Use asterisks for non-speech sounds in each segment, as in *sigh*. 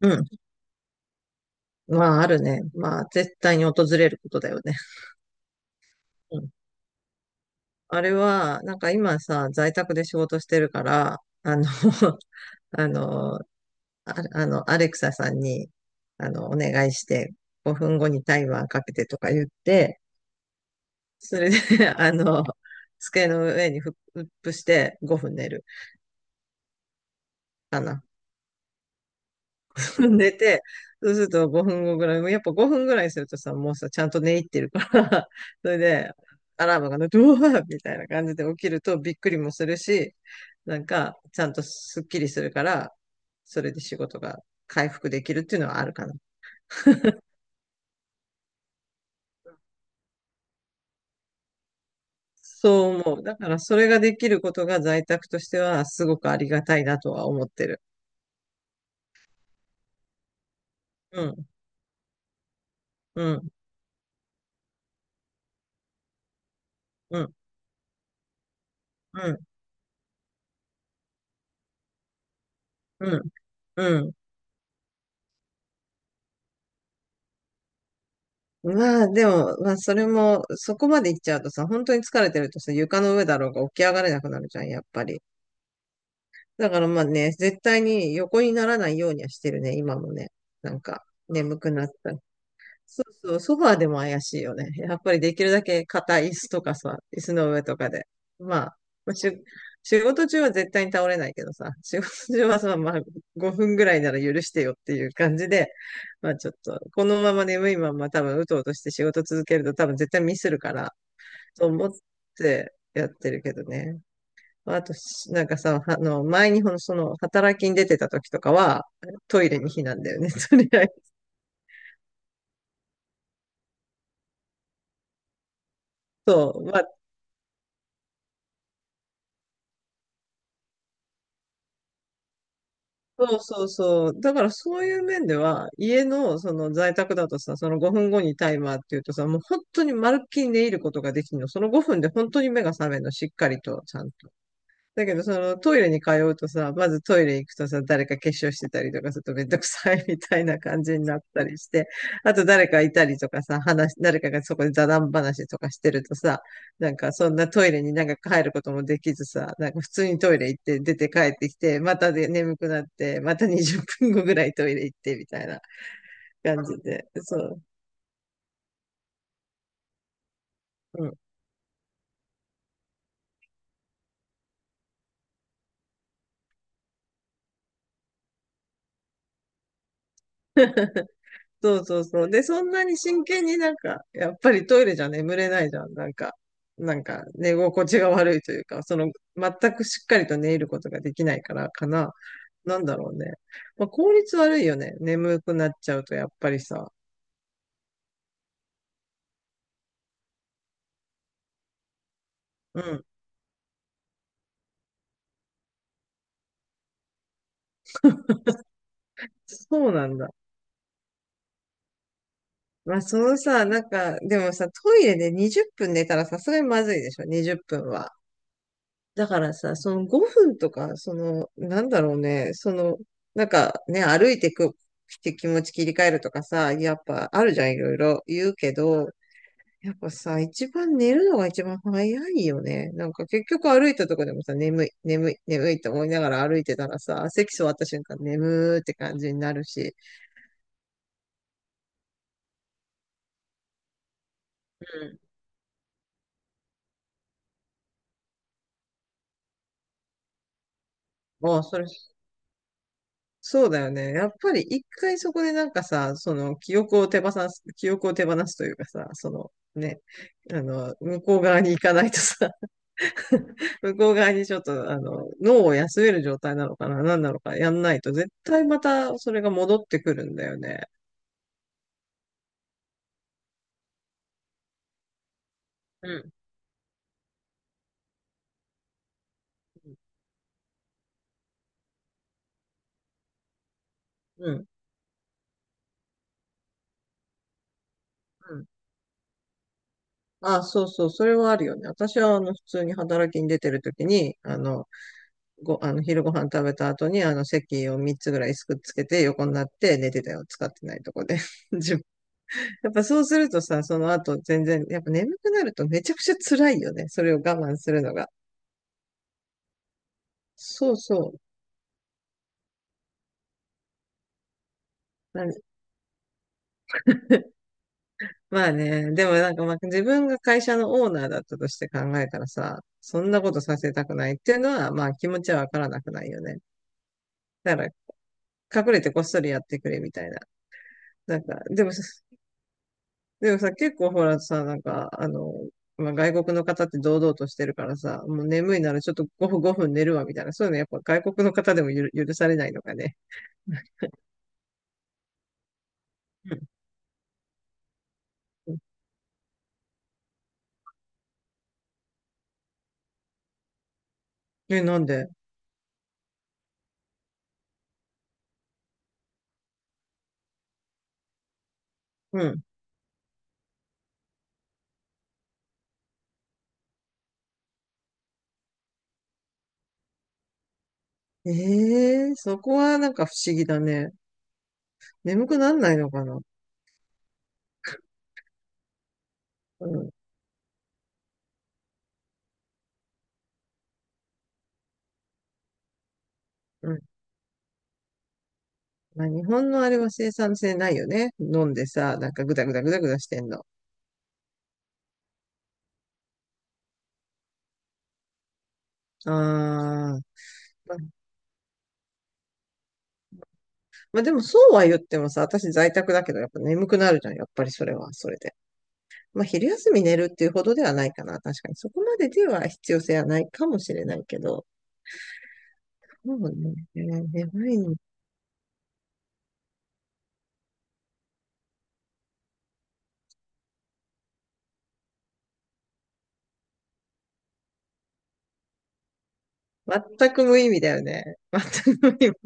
うん。まあ、あるね。まあ、絶対に訪れることだよね。うん。あれは、なんか今さ、在宅で仕事してるから、あの、*laughs* あの、アレクサさんに、お願いして、5分後にタイマーかけてとか言って、それで、*laughs* あの、机の上にフップして5分寝るかな。*laughs* 寝て、そうすると5分後ぐらい、もうやっぱ5分ぐらいするとさ、もうさ、ちゃんと寝入ってるから、*laughs* それで、アラームが鳴ってうわーみたいな感じで起きるとびっくりもするし、なんか、ちゃんとすっきりするから、それで仕事が回復できるっていうのはあるかな。そう思う。だから、それができることが在宅としては、すごくありがたいなとは思ってる。うん、うん、うん、うん、うん、うん。まあ、でも、まあ、それも、そこまで行っちゃうとさ、本当に疲れてるとさ、床の上だろうが起き上がれなくなるじゃん、やっぱり。だからまあね、絶対に横にならないようにはしてるね、今もね。なんか、眠くなった。そうそう、ソファーでも怪しいよね。やっぱりできるだけ硬い椅子とかさ、椅子の上とかで。まあ、まあしゅ、仕事中は絶対に倒れないけどさ、仕事中はさ、まあ5分ぐらいなら許してよっていう感じで、まあちょっと、このまま眠いまま多分うとうとして仕事続けると多分絶対ミスるから、と思ってやってるけどね。まあと、しなんかさ、前にほんその、働きに出てた時とかは、トイレに避難だよね、*laughs* とりあえず。そう。まあそうそうそう。だからそういう面では、家のその在宅だとさ、その5分後にタイマーっていうとさ、もう本当にまるっきり寝入ることができるの。その5分で本当に目が覚めるの、しっかりと、ちゃんと。だけど、そのトイレに通うとさ、まずトイレ行くとさ、誰か化粧してたりとかするとめんどくさいみたいな感じになったりして、あと誰かいたりとかさ、話、誰かがそこで座談話とかしてるとさ、なんかそんなトイレになんか入ることもできずさ、なんか普通にトイレ行って出て帰ってきて、またで眠くなって、また20分後ぐらいトイレ行ってみたいな感じで、そう。うん。そうそうそう。で、そんなに真剣になんか、やっぱりトイレじゃ眠れないじゃん。なんか、寝心地が悪いというか、その、全くしっかりと寝ることができないからかな。なんだろうね。まあ、効率悪いよね。眠くなっちゃうとやっぱりさ。うん。そうなんだ。まあ、そのさ、なんか、でもさ、トイレで20分寝たらさすがにまずいでしょ。20分は。だからさ、その5分とか、その、なんだろうね、その、なんかね、歩いてく、って気持ち切り替えるとかさ、やっぱあるじゃん、いろいろ言うけど、やっぱさ、一番寝るのが一番早いよね。なんか結局歩いたとこでもさ、眠い、眠い、眠いって思いながら歩いてたらさ、席座った瞬間眠ーって感じになるし、うああ、それそうだよね。やっぱり一回そこでなんかさ、その記憶を手放す、記憶を手放すというかさ、そのね、向こう側に行かないとさ、*laughs* 向こう側にちょっと、脳を休める状態なのかな、何なのかやんないと、絶対またそれが戻ってくるんだよね。うん。うん。うん。あ、そうそう、それはあるよね。私は、普通に働きに出てるときに、ご、あの、昼ご飯食べた後に、席を3つぐらいすくっつけて、横になって寝てたよ。使ってないとこで。*laughs* 自分やっぱそうするとさ、その後全然、やっぱ眠くなるとめちゃくちゃ辛いよね。それを我慢するのが。そうそう。*laughs* まあね、でもなんかまあ自分が会社のオーナーだったとして考えたらさ、そんなことさせたくないっていうのは、まあ気持ちはわからなくないよね。だから隠れてこっそりやってくれみたいな。なんか、でもでもさ、結構ほらさ、なんか、まあ、外国の方って堂々としてるからさ、もう眠いならちょっと5分、5分寝るわみたいな、そういうのやっぱ外国の方でも許されないのかね。うん。え、なんで？うん。ええそこはなんか不思議だね。眠くなんないのかな？うん、うん。まあ、日本のあれは生産性ないよね。飲んでさ、なんかグダグダグダグダしてんの。ああ。まあ、でもそうは言ってもさ、私在宅だけど、やっぱ眠くなるじゃん。やっぱりそれは、それで。まあ、昼休み寝るっていうほどではないかな。確かに。そこまででは必要性はないかもしれないけど。そうね。眠いの。全く無意味だよね。*laughs* 全く無意味。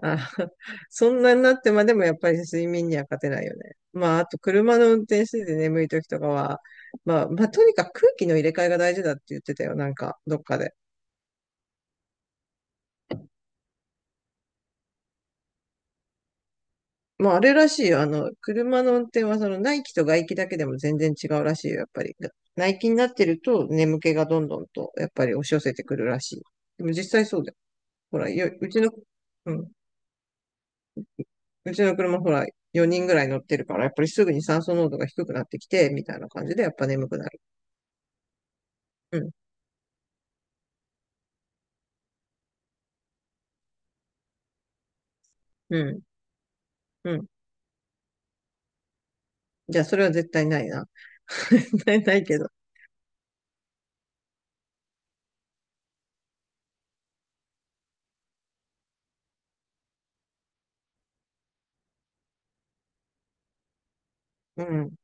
あ、*laughs* そんなになってまでもやっぱり睡眠には勝てないよね。まあ、あと車の運転してて眠い時とかは、まあ、まあ、とにかく空気の入れ替えが大事だって言ってたよ。なんか、どっかで。まあ、あれらしいよ。車の運転はその内気と外気だけでも全然違うらしいよ。やっぱり。が内気になってると眠気がどんどんと、やっぱり押し寄せてくるらしい。でも実際そうだよ。ほら、よ、うちの、うん。うちの車ほら、4人ぐらい乗ってるから、やっぱりすぐに酸素濃度が低くなってきて、みたいな感じで、やっぱ眠くなる。うん。うん。うん。じゃあ、それは絶対ないな。*laughs* 絶対ないけど。うん。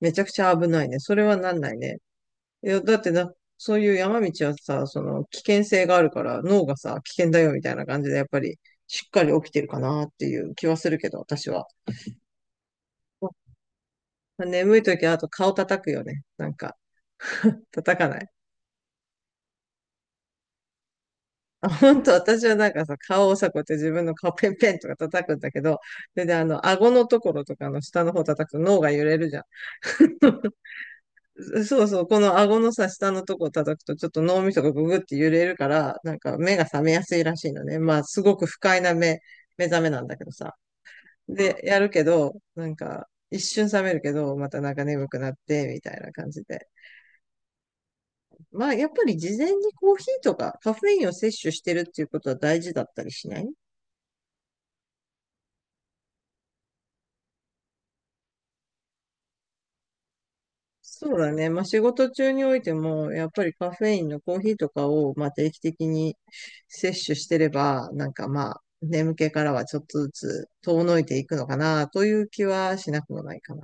めちゃくちゃ危ないね。それはなんないね。いや、だってな、そういう山道はさ、その危険性があるから脳がさ、危険だよみたいな感じでやっぱりしっかり起きてるかなっていう気はするけど、私は。まあ眠い時はあと顔叩くよね。なんか、叩かない。あ、本当私はなんかさ、顔をさ、こうやって自分の顔ペンペンとか叩くんだけど、それで顎のところとかの下の方叩くと脳が揺れるじゃん。*laughs* そうそう、この顎のさ、下のとこ叩くと、ちょっと脳みそがググって揺れるから、なんか目が覚めやすいらしいのね。まあ、すごく不快な目、目覚めなんだけどさ。で、やるけど、なんか、一瞬覚めるけど、またなんか眠くなって、みたいな感じで。まあ、やっぱり事前にコーヒーとかカフェインを摂取してるっていうことは大事だったりしない？そうだね。まあ、仕事中においても、やっぱりカフェインのコーヒーとかを、まあ、定期的に摂取してれば、なんかまあ、眠気からはちょっとずつ遠のいていくのかな、という気はしなくもないかな。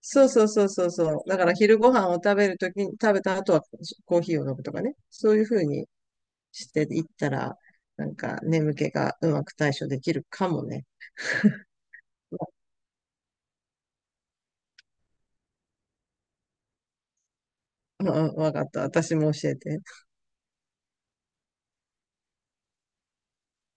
そうそうそうそうそう。だから昼ご飯を食べるときに、食べた後はコーヒーを飲むとかね。そういうふうにしていったら、なんか眠気がうまく対処できるかもね。うんうん、わかった。私も教えて。